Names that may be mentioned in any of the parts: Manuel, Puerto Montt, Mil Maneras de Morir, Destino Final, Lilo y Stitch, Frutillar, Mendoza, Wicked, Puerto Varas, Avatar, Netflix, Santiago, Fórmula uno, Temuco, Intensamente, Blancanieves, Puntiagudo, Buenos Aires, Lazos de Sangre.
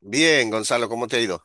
Bien, Gonzalo, ¿cómo te ha ido?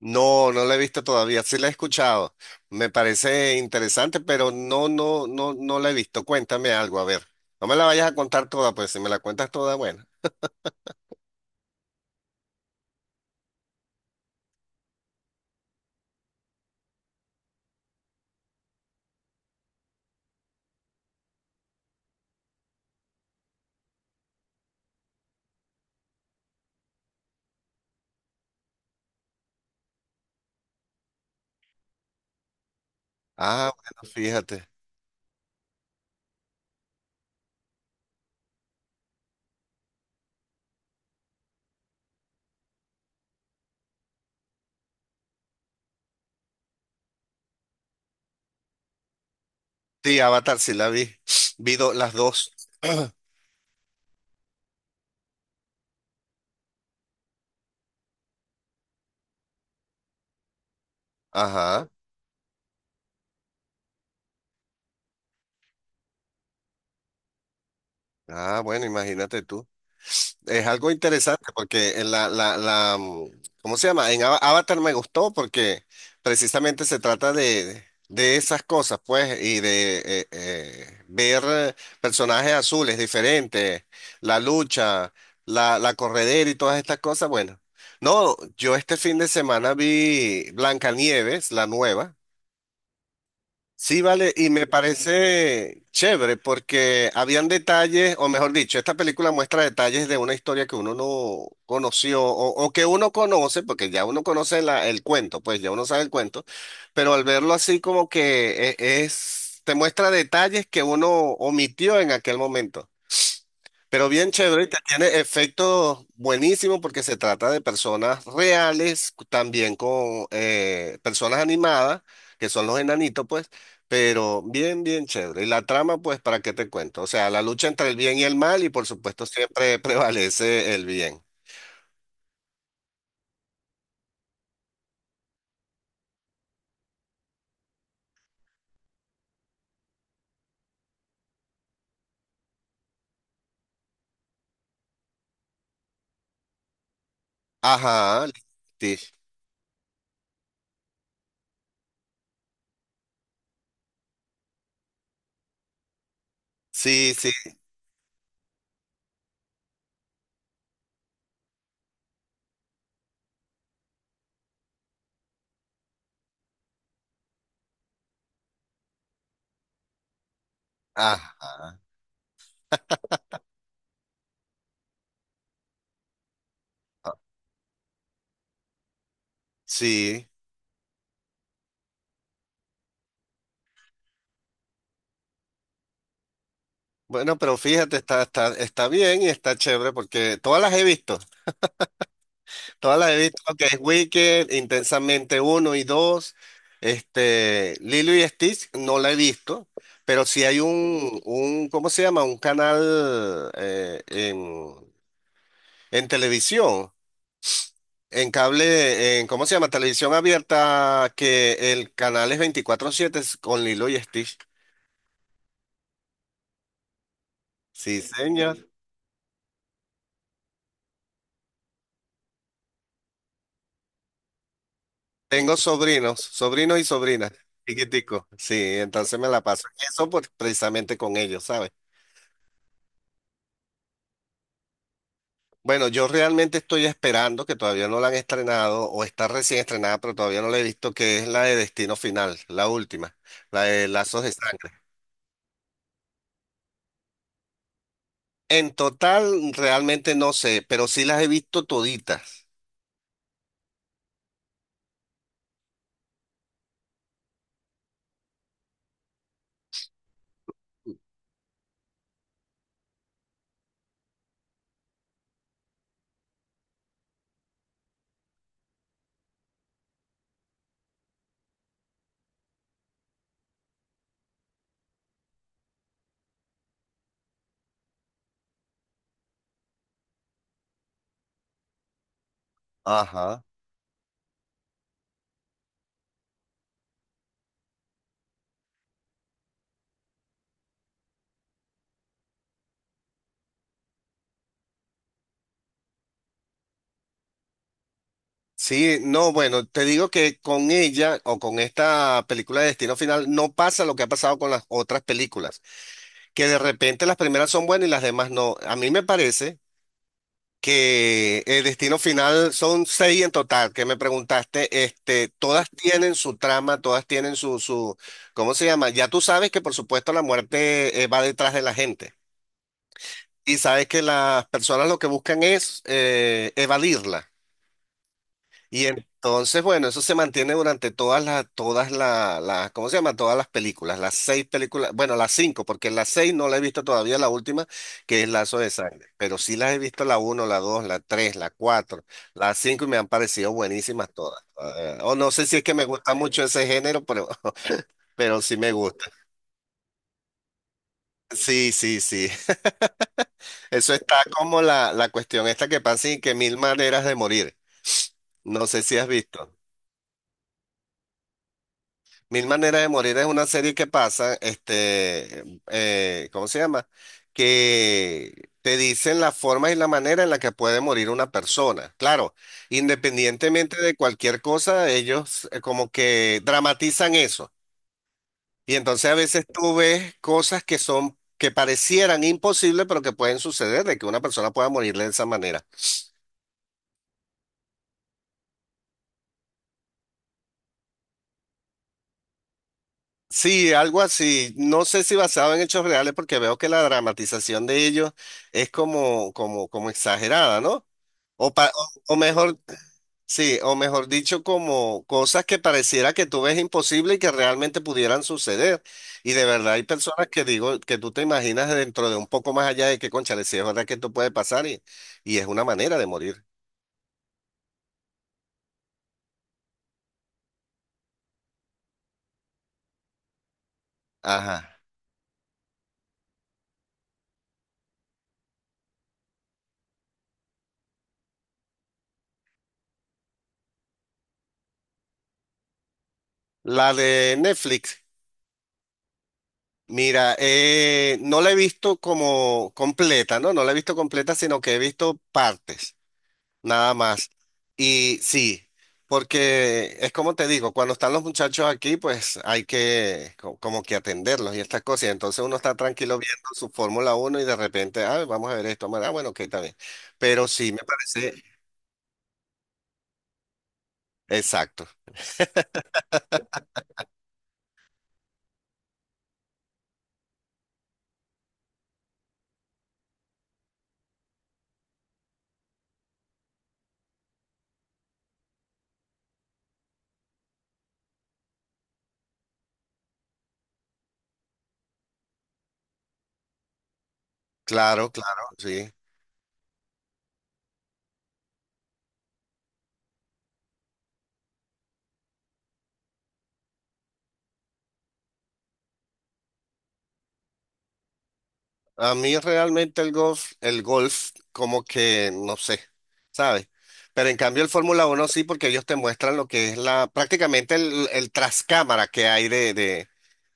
No, no la he visto todavía, sí la he escuchado. Me parece interesante, pero no, no, no, no la he visto. Cuéntame algo, a ver. No me la vayas a contar toda, pues si me la cuentas toda, bueno. Ah, bueno, fíjate. Sí, Avatar sí la vi. Vi las dos. Ajá. Ah, bueno, imagínate tú. Es algo interesante porque en ¿cómo se llama? En Avatar me gustó porque precisamente se trata de esas cosas, pues, y de ver personajes azules diferentes, la lucha, la corredera y todas estas cosas. Bueno, no, yo este fin de semana vi Blancanieves, la nueva. Sí, vale, y me parece chévere porque habían detalles, o mejor dicho, esta película muestra detalles de una historia que uno no conoció o que uno conoce, porque ya uno conoce el cuento, pues ya uno sabe el cuento, pero al verlo así como que es, te muestra detalles que uno omitió en aquel momento. Pero bien chévere y te tiene efectos buenísimos porque se trata de personas reales, también con personas animadas, que son los enanitos, pues, pero bien, bien chévere. Y la trama, pues, ¿para qué te cuento? O sea, la lucha entre el bien y el mal y por supuesto siempre prevalece el bien. Ajá, sí, sí, sí, ajá, sí. Bueno, pero fíjate, está bien y está chévere porque todas las he visto, todas las he visto, que es Wicked, Intensamente uno y 2. Este, Lilo y Stitch, no la he visto, pero sí hay un ¿cómo se llama? Un canal en televisión, en cable, ¿cómo se llama? Televisión abierta, que el canal es 24/7 con Lilo y Stitch. Sí, señor. Tengo sobrinos, sobrinos y sobrinas, chiquiticos. Sí, entonces me la paso en eso, precisamente con ellos, ¿sabes? Bueno, yo realmente estoy esperando que todavía no la han estrenado o está recién estrenada, pero todavía no la he visto, que es la de Destino Final, la última, la de Lazos de Sangre. En total, realmente no sé, pero sí las he visto toditas. Ajá. Sí, no, bueno, te digo que con ella o con esta película de Destino Final no pasa lo que ha pasado con las otras películas, que de repente las primeras son buenas y las demás no. A mí me parece que el destino final son seis en total, que me preguntaste, este, todas tienen su trama, todas tienen ¿cómo se llama? Ya tú sabes que por supuesto la muerte va detrás de la gente y sabes que las personas lo que buscan es evadirla. Y entonces, bueno, eso se mantiene durante todas las, todas la- las, ¿cómo se llama? Todas las películas, las seis películas, bueno, las cinco, porque las seis no la he visto todavía, la última, que es Lazo de Sangre, pero sí las he visto la uno, la dos, la tres, la cuatro, las cinco y me han parecido buenísimas todas. O no sé si es que me gusta mucho ese género, pero, pero sí me gusta. Sí, sí, sí. Eso está como la cuestión esta que pasa y que mil maneras de morir. No sé si has visto. Mil Maneras de Morir es una serie que pasa, este, ¿cómo se llama? Que te dicen la forma y la manera en la que puede morir una persona. Claro, independientemente de cualquier cosa, ellos como que dramatizan eso. Y entonces a veces tú ves cosas que son, que parecieran imposibles, pero que pueden suceder, de que una persona pueda morir de esa manera. Sí, algo así. No sé si basado en hechos reales, porque veo que la dramatización de ellos es como, exagerada, ¿no? O mejor, sí, o mejor dicho, como cosas que pareciera que tú ves imposible y que realmente pudieran suceder. Y de verdad hay personas que digo que tú te imaginas dentro de un poco más allá de que, cónchale, si es verdad que esto puede pasar y es una manera de morir. Ajá. La de Netflix. Mira, no la he visto como completa, ¿no? No la he visto completa, sino que he visto partes, nada más. Y sí, porque es como te digo, cuando están los muchachos aquí, pues hay que como que atenderlos y estas cosas. Y entonces uno está tranquilo viendo su Fórmula uno y de repente, ah, vamos a ver esto, ah, bueno, ok, está bien. Pero sí, me parece, exacto, claro, claro, sí. A mí realmente el golf, como que no sé, ¿sabes? Pero en cambio el Fórmula uno sí, porque ellos te muestran lo que es prácticamente el trascámara que hay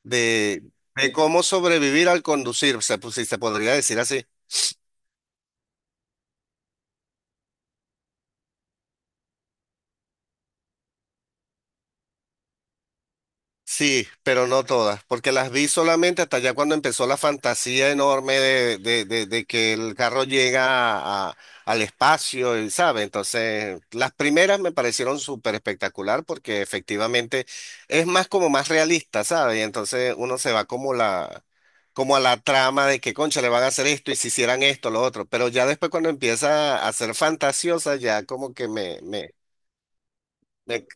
de, de cómo sobrevivir al conducir, pues, si se podría decir así. Sí, pero no todas, porque las vi solamente hasta ya cuando empezó la fantasía enorme de que el carro llega al espacio, y sabe. Entonces, las primeras me parecieron súper espectacular porque efectivamente es más como más realista, ¿sabes? Y entonces uno se va como a la trama de que, concha, le van a hacer esto y si hicieran esto, lo otro. Pero ya después cuando empieza a ser fantasiosa, ya como que me.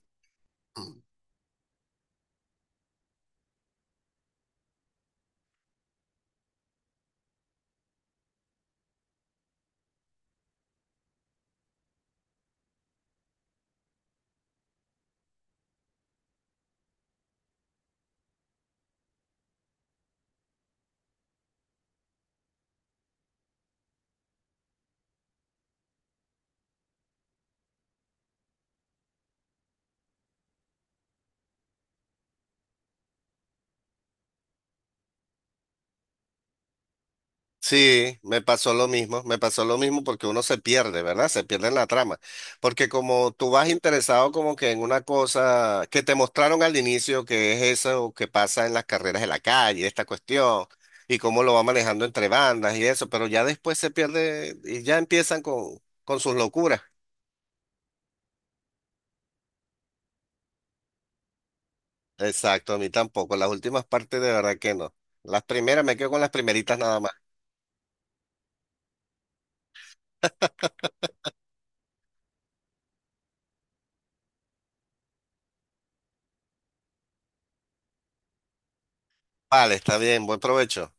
Sí, me pasó lo mismo, me pasó lo mismo porque uno se pierde, ¿verdad? Se pierde en la trama. Porque como tú vas interesado como que en una cosa que te mostraron al inicio, que es eso que pasa en las carreras de la calle, esta cuestión, y cómo lo va manejando entre bandas y eso, pero ya después se pierde y ya empiezan con sus locuras. Exacto, a mí tampoco. Las últimas partes de verdad que no. Las primeras me quedo con las primeritas nada más. Vale, está bien, buen provecho.